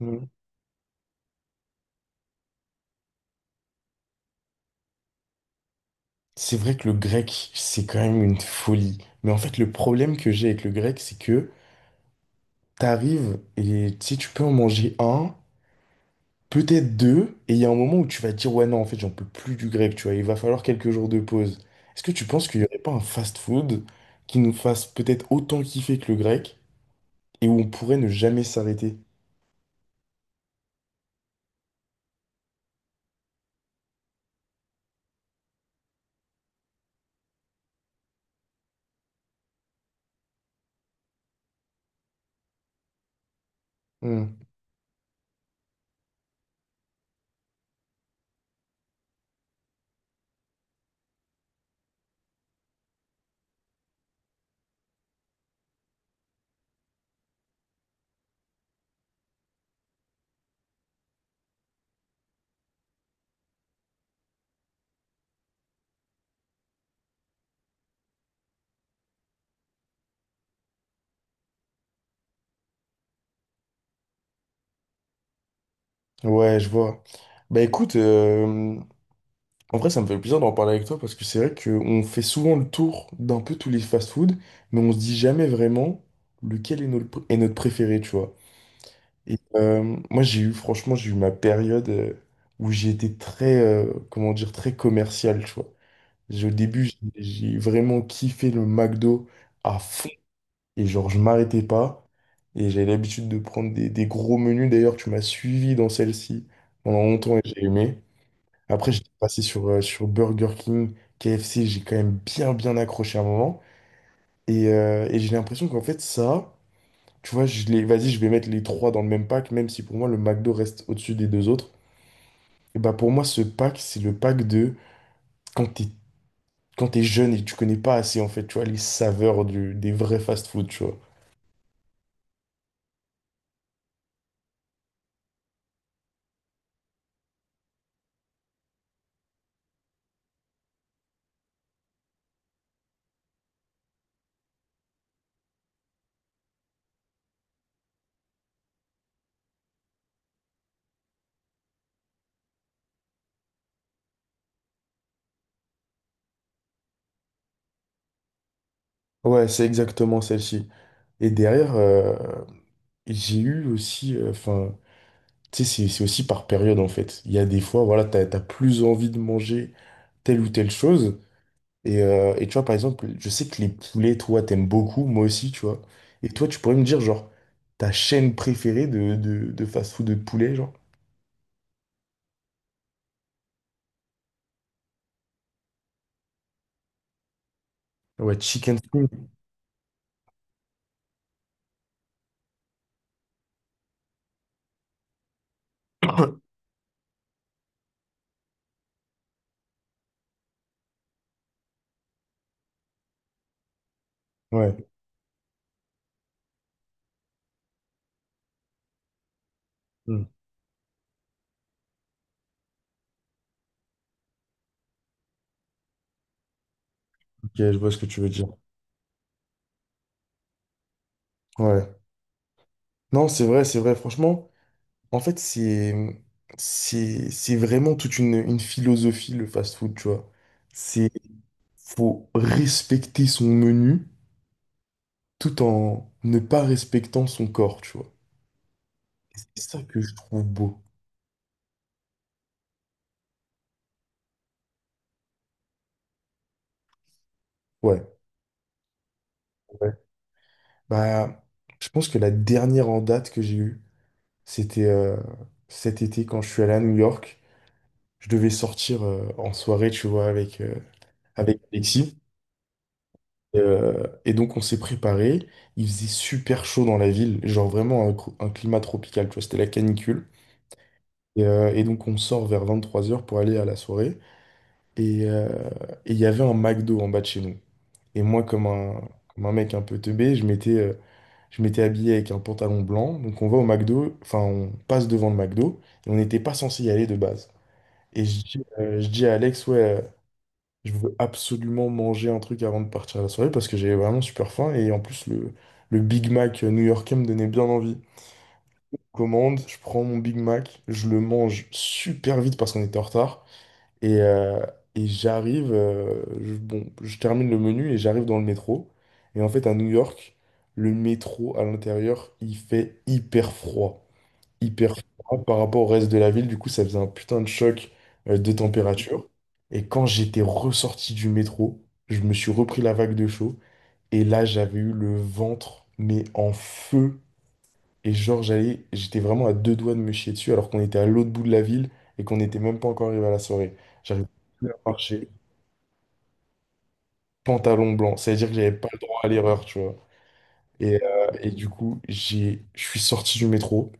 Mm. C'est vrai que le grec, c'est quand même une folie. Mais en fait, le problème que j'ai avec le grec, c'est que t'arrives et si tu peux en manger un, peut-être deux, et il y a un moment où tu vas dire, ouais, non, en fait, j'en peux plus du grec, tu vois, il va falloir quelques jours de pause. Est-ce que tu penses qu'il n'y aurait pas un fast-food qui nous fasse peut-être autant kiffer que le grec, et où on pourrait ne jamais s'arrêter? Hmm. Ouais, je vois. Bah écoute, en vrai, ça me fait plaisir d'en parler avec toi, parce que c'est vrai qu'on fait souvent le tour d'un peu tous les fast-food, mais on se dit jamais vraiment lequel est notre préféré, tu vois. Et moi, j'ai eu, franchement, j'ai eu ma période où j'ai été très, comment dire, très commercial, tu vois. Au début, j'ai vraiment kiffé le McDo à fond. Et genre, je m'arrêtais pas. Et j'avais l'habitude de prendre des gros menus. D'ailleurs, tu m'as suivi dans celle-ci pendant longtemps et j'ai aimé. Après, j'étais passé sur, sur Burger King, KFC. J'ai quand même bien, bien accroché à un moment. Et j'ai l'impression qu'en fait, ça. Tu vois, je les... vas-y, je vais mettre les trois dans le même pack, même si pour moi le McDo reste au-dessus des deux autres. Et bah pour moi, ce pack, c'est le pack de quand t'es quand t'es jeune et tu connais pas assez, en fait, tu vois, les saveurs du... des vrais fast-food, tu vois. Ouais, c'est exactement celle-ci. Et derrière, j'ai eu aussi, enfin, tu sais, c'est aussi par période, en fait. Il y a des fois, voilà, t'as plus envie de manger telle ou telle chose. Et tu vois, par exemple, je sais que les poulets, toi, t'aimes beaucoup, moi aussi, tu vois. Et toi, tu pourrais me dire, genre, ta chaîne préférée de fast-food de poulet, genre? Ouais, Chicken Wing. Ouais. Hmm. Ok, je vois ce que tu veux dire. Ouais. Non, c'est vrai, c'est vrai. Franchement, en fait, c'est vraiment une philosophie, le fast-food, tu vois. C'est, faut respecter son menu tout en ne pas respectant son corps, tu vois. Et c'est ça que je trouve beau. Ouais. Bah, je pense que la dernière en date que j'ai eue, c'était cet été quand je suis allé à New York. Je devais sortir en soirée, tu vois, avec, avec Alexis. Et donc, on s'est préparé. Il faisait super chaud dans la ville, genre vraiment un, un climat tropical, tu vois, c'était la canicule. Et donc, on sort vers 23h pour aller à la soirée. Et euh, et il y avait un McDo en bas de chez nous. Et moi, comme un mec un peu teubé, je m'étais habillé avec un pantalon blanc. Donc on va au McDo, enfin on passe devant le McDo, et on n'était pas censé y aller de base. Et je dis à Alex, ouais, je veux absolument manger un truc avant de partir à la soirée parce que j'avais vraiment super faim. Et en plus, le Big Mac new-yorkais me donnait bien envie. Commande, je prends mon Big Mac, je le mange super vite parce qu'on était en retard. Et, euh, et j'arrive, bon, je termine le menu et j'arrive dans le métro. Et en fait, à New York, le métro à l'intérieur, il fait hyper froid. Hyper froid par rapport au reste de la ville. Du coup, ça faisait un putain de choc, de température. Et quand j'étais ressorti du métro, je me suis repris la vague de chaud. Et là, j'avais eu le ventre, mais en feu. Et genre, j'étais vraiment à deux doigts de me chier dessus alors qu'on était à l'autre bout de la ville et qu'on n'était même pas encore arrivé à la soirée. J'arrivais plus à marcher, pantalon blanc. Ça veut dire que j'avais pas le droit à l'erreur, tu vois. Et du coup, je suis sorti du métro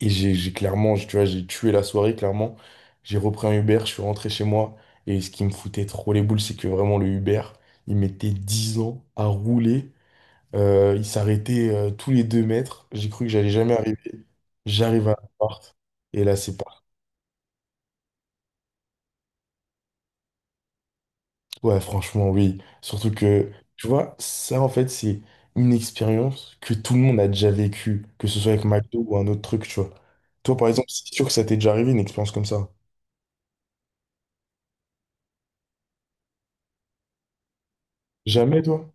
et j'ai clairement, tu vois, j'ai tué la soirée, clairement. J'ai repris un Uber, je suis rentré chez moi. Et ce qui me foutait trop les boules, c'est que vraiment le Uber, il mettait 10 ans à rouler. Ils s'arrêtaient tous les 2 mètres. J'ai cru que j'allais jamais arriver. J'arrive à la porte. Et là, c'est parti. Ouais, franchement, oui. Surtout que, tu vois, ça, en fait, c'est une expérience que tout le monde a déjà vécue, que ce soit avec McDo ou un autre truc, tu vois. Toi, par exemple, c'est sûr que ça t'est déjà arrivé, une expérience comme ça. Jamais, toi?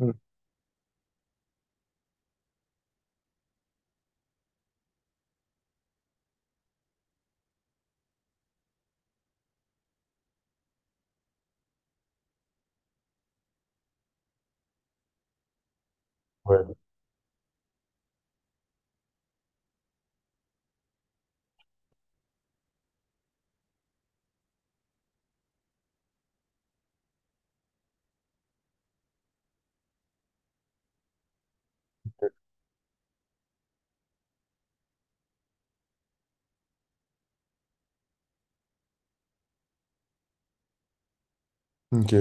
Mm. Ouais. Ok.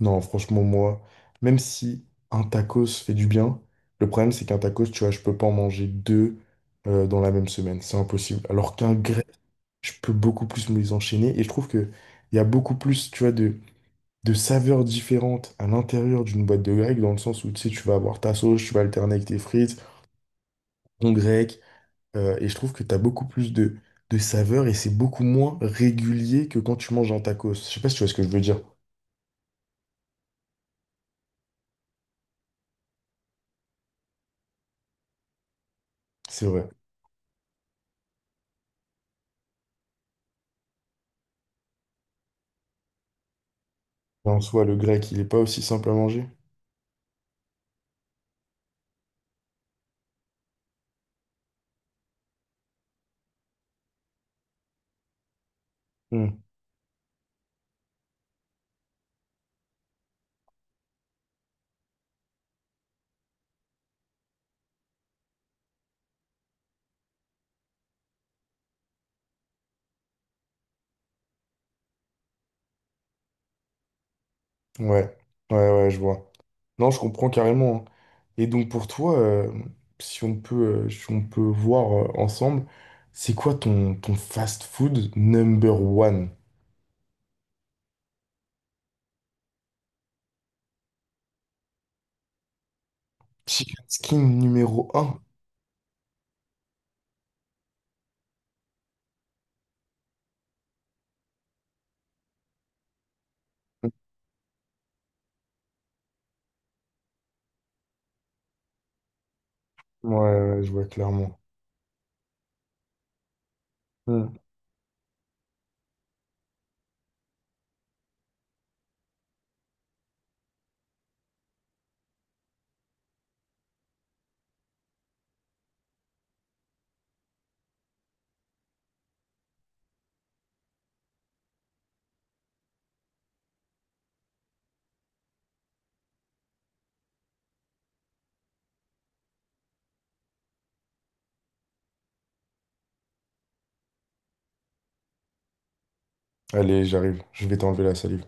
Non, franchement, moi, même si un tacos fait du bien, le problème, c'est qu'un tacos, tu vois, je peux pas en manger deux dans la même semaine. C'est impossible. Alors qu'un grec je peux beaucoup plus me les enchaîner. Et je trouve que il y a beaucoup plus, tu vois, de saveurs différentes à l'intérieur d'une boîte de grec, dans le sens où, tu sais, tu vas avoir ta sauce, tu vas alterner avec tes frites, ton grec. Et je trouve que tu as beaucoup plus de saveurs et c'est beaucoup moins régulier que quand tu manges un tacos. Je sais pas si tu vois ce que je veux dire. C'est vrai. En soi, le grec, il est pas aussi simple à manger. Hmm. Ouais. Ouais, je vois. Non, je comprends carrément, hein. Et donc pour toi, si on peut, si on peut voir ensemble, c'est quoi ton fast food number one? Chicken skin numéro un? Ouais, je vois clairement. Hmm. Allez, j'arrive. Je vais t'enlever la salive.